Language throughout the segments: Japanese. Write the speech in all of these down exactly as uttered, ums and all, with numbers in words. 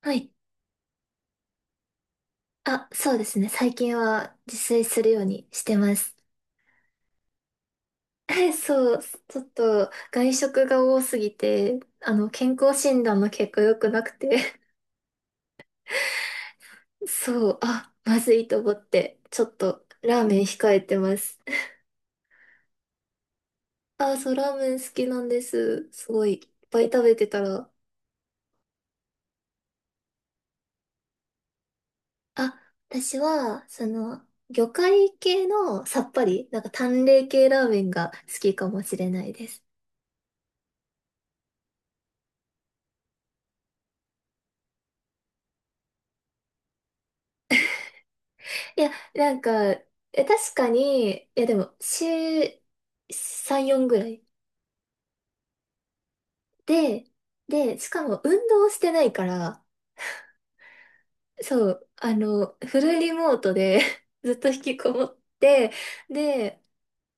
はい。あ、そうですね。最近は自炊するようにしてます。そう、ちょっと外食が多すぎて、あの、健康診断の結果良くなくて、そう、あ、まずいと思って、ちょっとラーメン控えてます。あ、そう、ラーメン好きなんです。すごい、いっぱい食べてたら。あ、私は、その、魚介系のさっぱり、なんか淡麗系ラーメンが好きかもしれないです。いや、なんか、え、確かに、いやでも、週さん、よんぐらい。で、で、しかも運動してないから、そう、あの、フルリモートで ずっと引きこもって、で、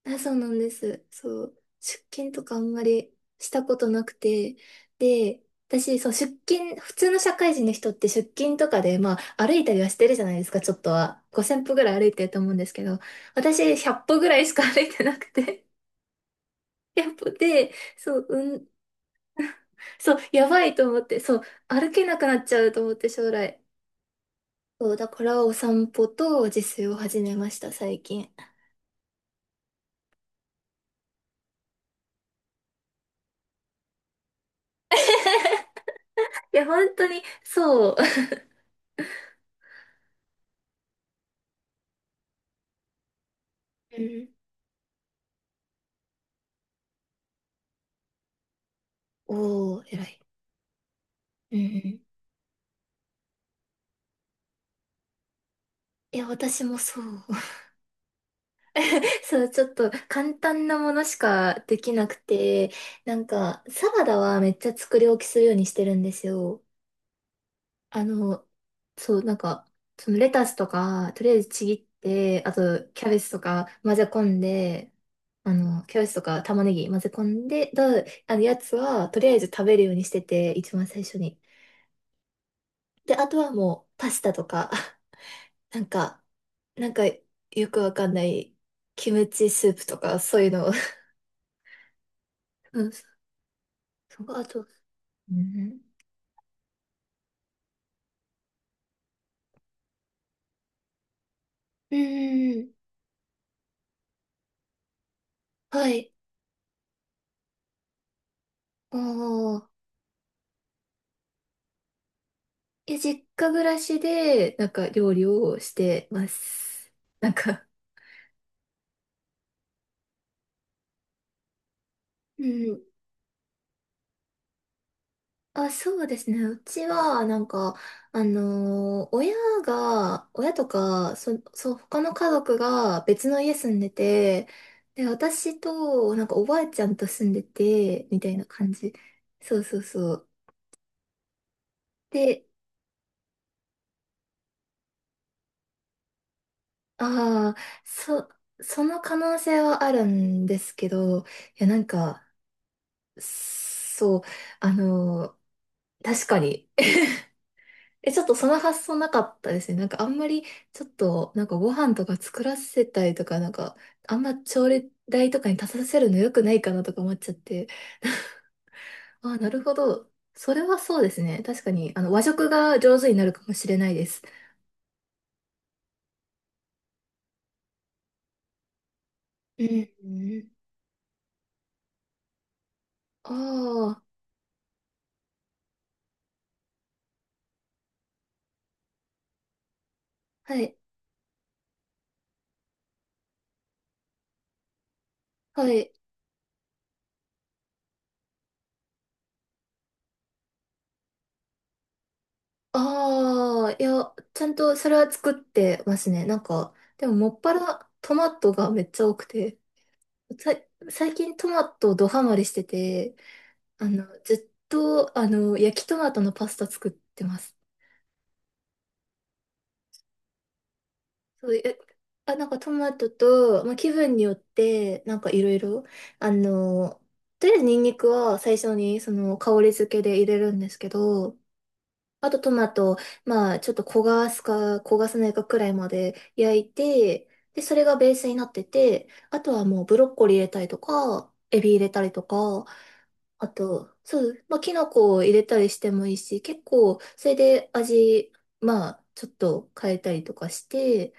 あ、そうなんです。そう。出勤とかあんまりしたことなくて。で、私、そう、出勤、普通の社会人の人って出勤とかで、まあ、歩いたりはしてるじゃないですか、ちょっとは。ごせん歩ぐらい歩いてると思うんですけど、私、ひゃっ歩ぐらいしか歩いてなくて。ひゃっ歩で、そう、うん、そう、やばいと思って、そう、歩けなくなっちゃうと思って、将来。そう、だからお散歩と自炊を始めました、最近。いや、本当に、そう。うん。おー、偉い。うんうん。いや、私もそう。そう、ちょっと簡単なものしかできなくて、なんか、サラダはめっちゃ作り置きするようにしてるんですよ。あの、そう、なんか、そのレタスとか、とりあえずちぎって、あと、キャベツとか混ぜ込んで、あの、キャベツとか玉ねぎ混ぜ込んで、だ、あの、やつは、とりあえず食べるようにしてて、一番最初に。で、あとはもう、パスタとか。なんか、なんかよくわかんないキムチスープとかそういうのを うん、そそあと、うん、うん、はい。ああ、え、実家暮らしで、なんか料理をしてます。なんか、うん。あ、そうですね。うちは、なんか、あのー親が、親とか、そ、そう、他の家族が別の家住んでて、で、私と、なんかおばあちゃんと住んでて、みたいな感じ。そうそうそう。で、ああ、そ、その可能性はあるんですけど、いや、なんか、そう、あのー確かに、え、ちょっとその発想なかったですね。なんかあんまり、ちょっと、なんかご飯とか作らせたりとか、なんか、あんま調理台とかに立たせるの良くないかなとか思っちゃって。あ、なるほど。それはそうですね。確かに、あの、和食が上手になるかもしれないです。うん。ああ、はい、はい。ああ、いや、ちゃんとそれは作ってますね。なんか、でももっぱらトマトがめっちゃ多くて、さ、最近トマトドハマりしてて、あの、ずっと、あの、焼きトマトのパスタ作ってます。そういう、あ、なんかトマトと、まあ、気分によって、なんかいろいろ、あの、とりあえずニンニクは最初にその香り付けで入れるんですけど、あとトマト、まあちょっと焦がすか焦がさないかくらいまで焼いて、で、それがベースになってて、あとはもうブロッコリー入れたりとか、エビ入れたりとか、あと、そう、まあ、キノコを入れたりしてもいいし、結構、それで味、まあ、ちょっと変えたりとかして、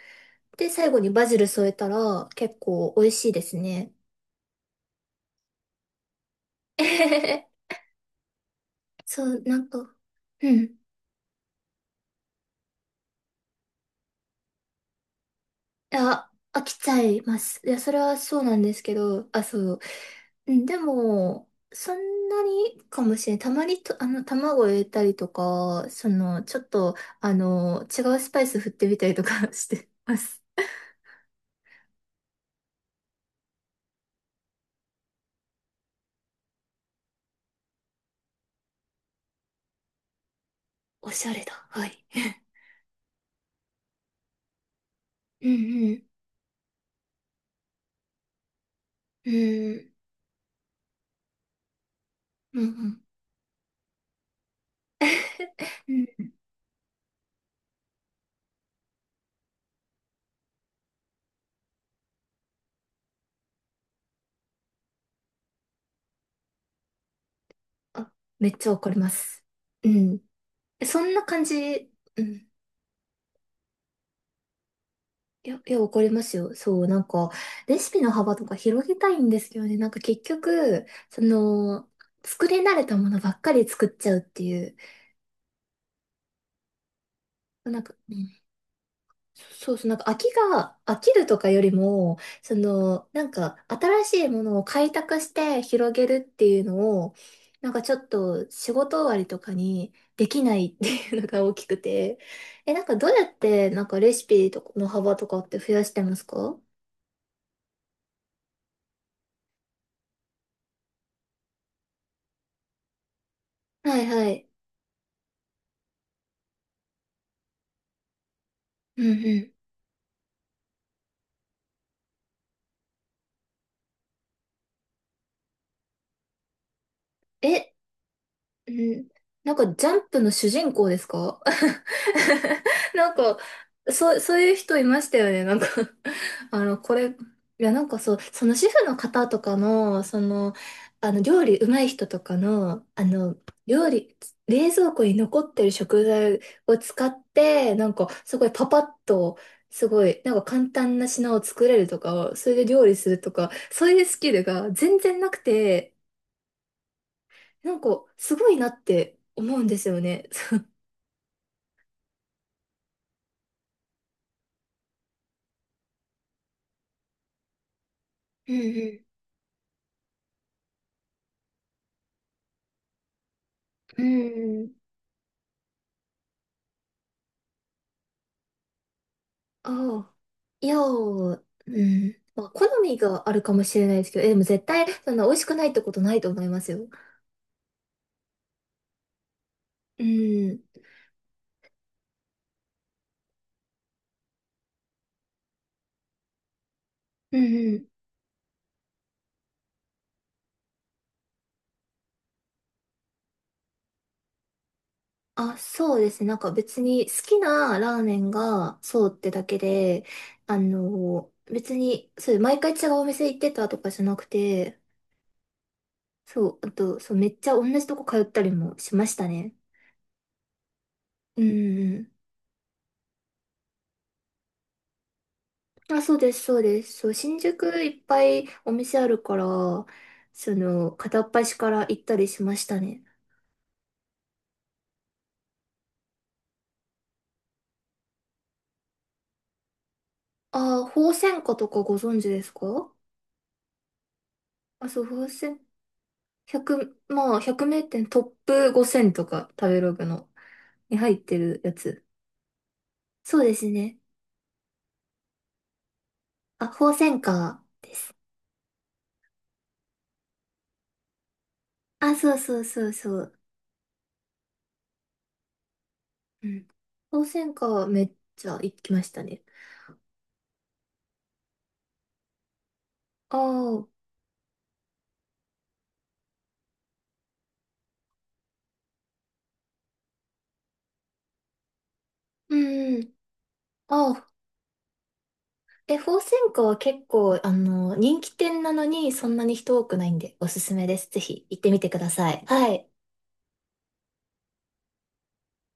で、最後にバジル添えたら、結構美味しいですね。えへへへ。そう、なんか、うん。あ、飽きちゃいます。いや、それはそうなんですけど、あ、そう。うん、でも、そんなにかもしれない。たまにと、あの、卵を入れたりとか、その、ちょっと、あの、違うスパイス振ってみたりとか してます。おしゃれだ。はい。うんうん。うんうんうん。うん。あ、めっちゃ怒ります。うん。そんな感じ。うん。いや、いや、怒りますよ。そう、なんか、レシピの幅とか広げたいんですけどね。なんか結局、その、作り慣れたものばっかり作っちゃうっていう。なんか、そうそう、なんか飽きが、飽きるとかよりも、その、なんか新しいものを開拓して広げるっていうのを、なんかちょっと仕事終わりとかにできないっていうのが大きくて、え、なんかどうやってなんかレシピとかの幅とかって増やしてますか？はいはい。うんうん。え、うん。なんかジャンプの主人公ですか？ なんか、そう、そういう人いましたよね。なんか あの、これ、いや、なんかそう、その主婦の方とかの、その、あの、料理うまい人とかの、あの、料理、冷蔵庫に残ってる食材を使って、なんか、すごいパパッと、すごい、なんか簡単な品を作れるとか、それで料理するとか、そういうスキルが全然なくて、なんか、すごいなって思うんですよね。うんうん。うん。ああ、いやー、うん。まあ、好みがあるかもしれないですけど、え、でも絶対、そんな美味しくないってことないと思いますよ。うん。うんうん。あ、そうですね。なんか別に好きなラーメンがそうってだけで、あの、別に、そう、毎回違うお店行ってたとかじゃなくて、そう、あと、そう、めっちゃ同じとこ通ったりもしましたね。うんうん。あ、そうです、そうです。そう、新宿いっぱいお店あるから、その、片っ端から行ったりしましたね。ああ、鳳仙花とかご存知ですか？あ、そう、鳳仙、1 0まあ、ひゃく名店トップごせんとか、食べログの、に入ってるやつ。そうですね。あ、鳳仙花。あ、そうそうそうそう。うん。鳳仙花はめっちゃ行きましたね。ああ、うん。ああ、え、鳳仙花は結構、あの、人気店なのにそんなに人多くないんでおすすめです。ぜひ行ってみてください。はい。